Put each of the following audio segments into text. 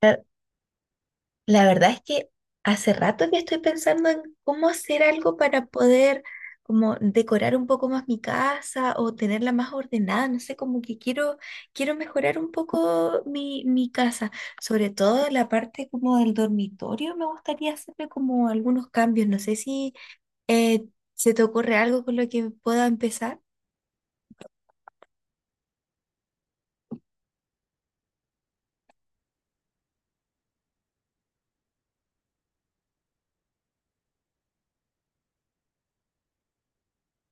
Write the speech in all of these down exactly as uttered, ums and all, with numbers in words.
La, la verdad es que hace rato que estoy pensando en cómo hacer algo para poder como decorar un poco más mi casa o tenerla más ordenada, no sé, como que quiero, quiero mejorar un poco mi, mi casa, sobre todo la parte como del dormitorio, me gustaría hacerle como algunos cambios, no sé si eh, se te ocurre algo con lo que pueda empezar.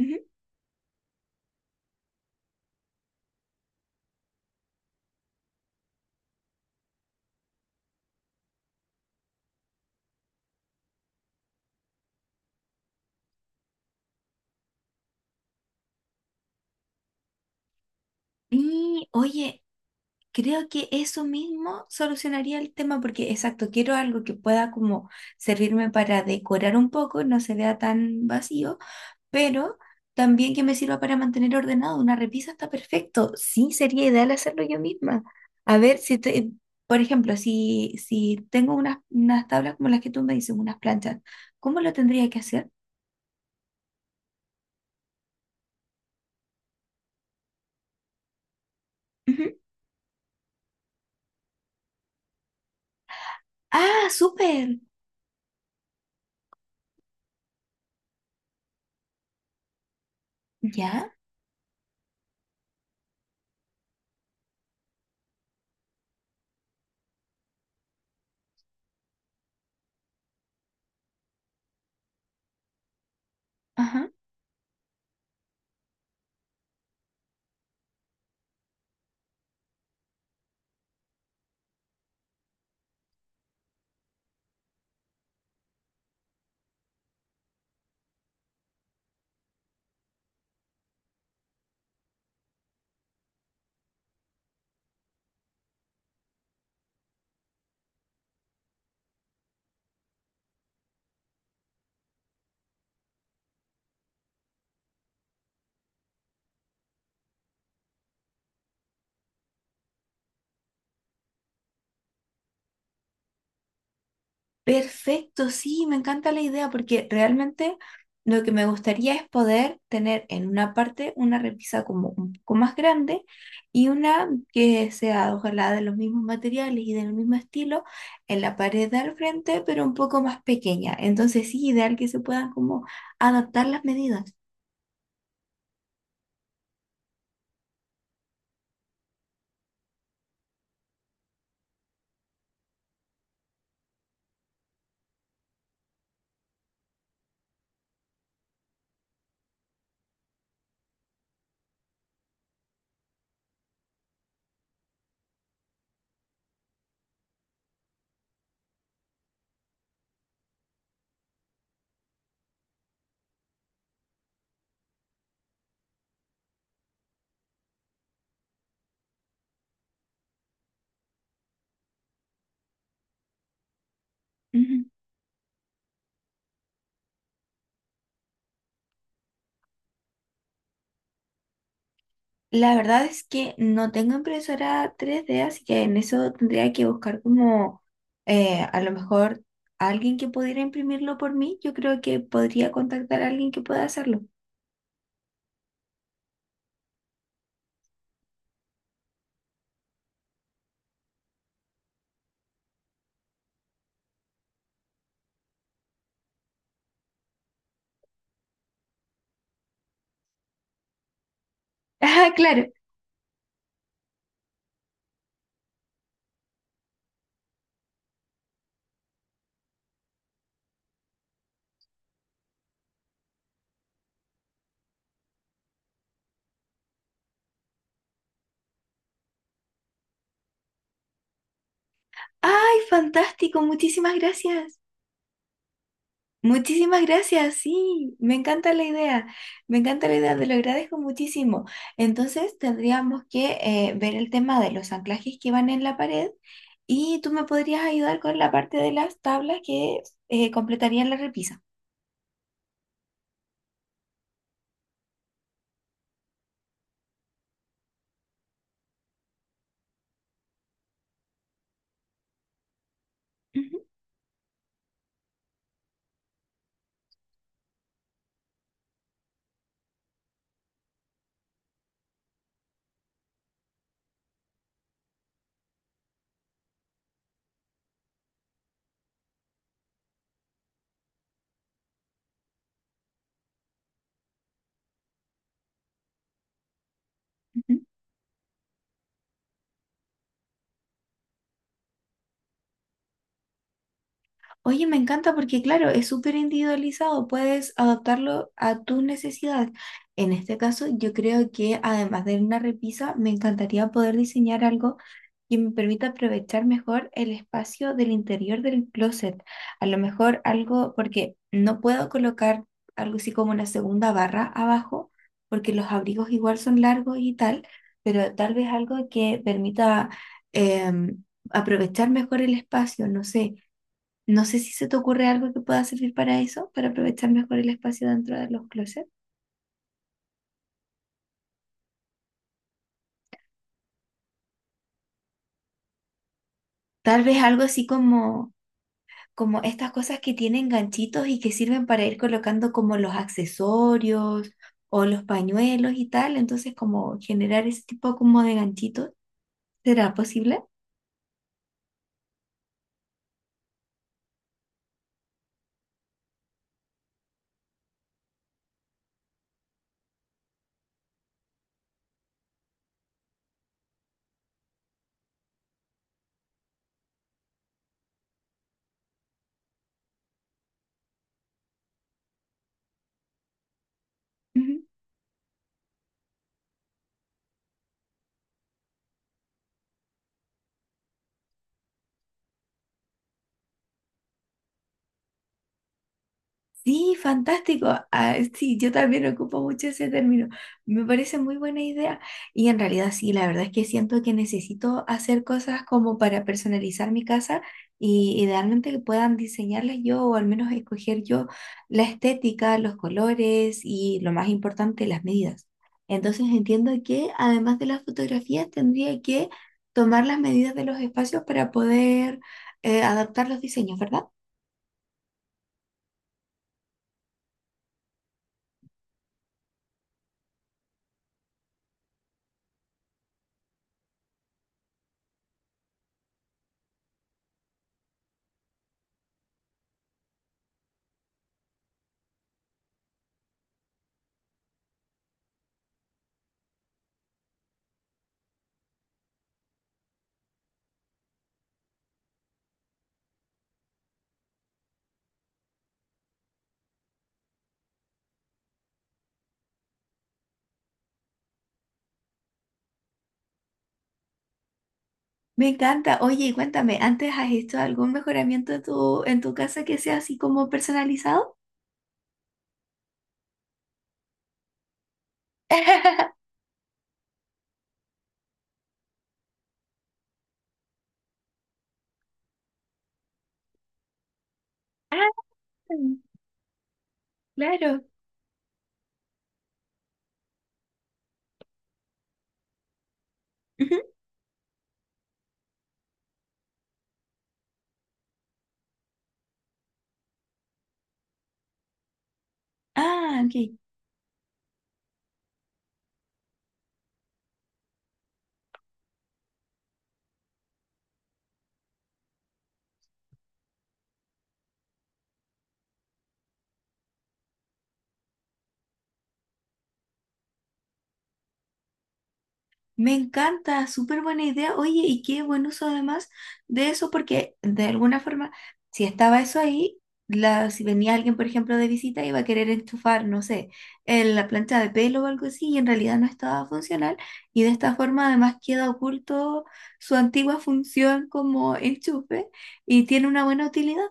Ujú. Y oye, creo que eso mismo solucionaría el tema porque, exacto, quiero algo que pueda como servirme para decorar un poco, no se vea tan vacío, pero también que me sirva para mantener ordenado. Una repisa está perfecto. Sí, sería ideal hacerlo yo misma. A ver, si te- por ejemplo, si, si tengo unas, unas tablas como las que tú me dices, unas planchas, ¿cómo lo tendría que hacer? Ujú. Ah, súper. ¿Ya? Ajá. Perfecto, sí, me encanta la idea porque realmente lo que me gustaría es poder tener en una parte una repisa como un poco más grande y una que sea ojalá de los mismos materiales y del mismo estilo en la pared de al frente, pero un poco más pequeña. Entonces sí, ideal que se puedan como adaptar las medidas. Ujú. La verdad es que no tengo impresora tres d, así que en eso tendría que buscar como eh, a lo mejor alguien que pudiera imprimirlo por mí. Yo creo que podría contactar a alguien que pueda hacerlo. Ah, claro. ¡Ay, fantástico! Muchísimas gracias. Muchísimas gracias, sí, me encanta la idea, me encanta la idea, te lo agradezco muchísimo. Entonces tendríamos que eh, ver el tema de los anclajes que van en la pared y tú me podrías ayudar con la parte de las tablas que eh, completarían la repisa. Ujú, ujú. Oye, me encanta porque claro, es súper individualizado, puedes adaptarlo a tus necesidades. En este caso, yo creo que además de una repisa, me encantaría poder diseñar algo que me permita aprovechar mejor el espacio del interior del closet. A lo mejor algo, porque no puedo colocar algo así como una segunda barra abajo, porque los abrigos igual son largos y tal, pero tal vez algo que permita em, aprovechar mejor el espacio, no sé. No sé si se te ocurre algo que pueda servir para eso, para aprovechar mejor el espacio dentro de los closets. Tal vez algo así como como estas cosas que tienen ganchitos y que sirven para ir colocando como los accesorios o los pañuelos y tal. Entonces, como generar ese tipo como de ganchitos, ¿será posible? Sí, fantástico. Ah, sí, yo también ocupo mucho ese término. Me parece muy buena idea. Y en realidad sí, la verdad es que siento que necesito hacer cosas como para personalizar mi casa y idealmente que puedan diseñarlas yo o al menos escoger yo la estética, los colores y lo más importante, las medidas. Entonces entiendo que además de las fotografías tendría que tomar las medidas de los espacios para poder eh, adaptar los diseños, ¿verdad? Me encanta. Oye, y cuéntame, ¿antes has hecho algún mejoramiento en tu, en tu casa que sea así como personalizado? Ah, claro. Ujú. Ah, ok. Me encanta, súper buena idea. Oye, y qué buen uso además de eso, porque de alguna forma, si estaba eso ahí, la, si venía alguien, por ejemplo, de visita, iba a querer enchufar, no sé, en la plancha de pelo o algo así, y en realidad no estaba funcional. Y de esta forma, además, queda oculto su antigua función como enchufe y tiene una buena utilidad.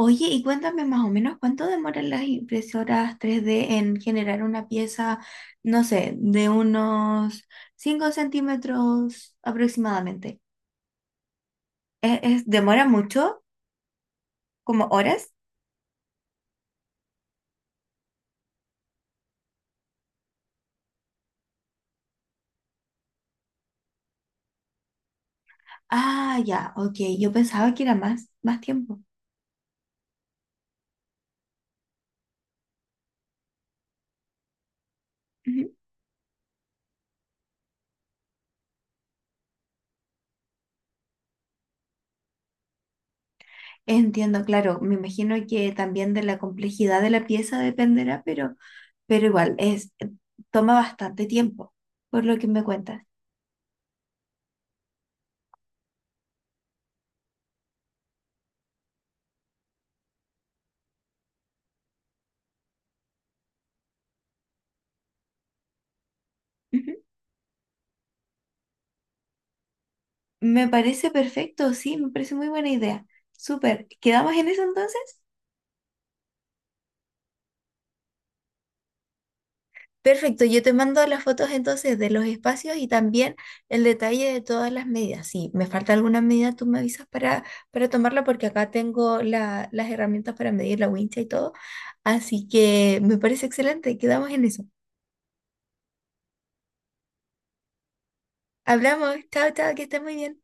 Oye, y cuéntame más o menos cuánto demoran las impresoras tres D en generar una pieza, no sé, de unos cinco centímetros aproximadamente. ¿Es, es- demora mucho? ¿Como horas? Ah, ya, ok. Yo pensaba que era más, más tiempo. Ujú. Entiendo, claro. Me imagino que también de la complejidad de la pieza dependerá, pero, pero igual, es, toma bastante tiempo, por lo que me cuentas. Ujú. Me parece perfecto, sí, me parece muy buena idea. Súper. ¿Quedamos en eso entonces? Perfecto, yo te mando las fotos entonces de los espacios y también el detalle de todas las medidas. Si me falta alguna medida, tú me avisas para, para tomarla porque acá tengo la- las herramientas para medir la wincha y todo. Así que me parece excelente, quedamos en eso. Hablamos, chao, chao, que estés muy bien.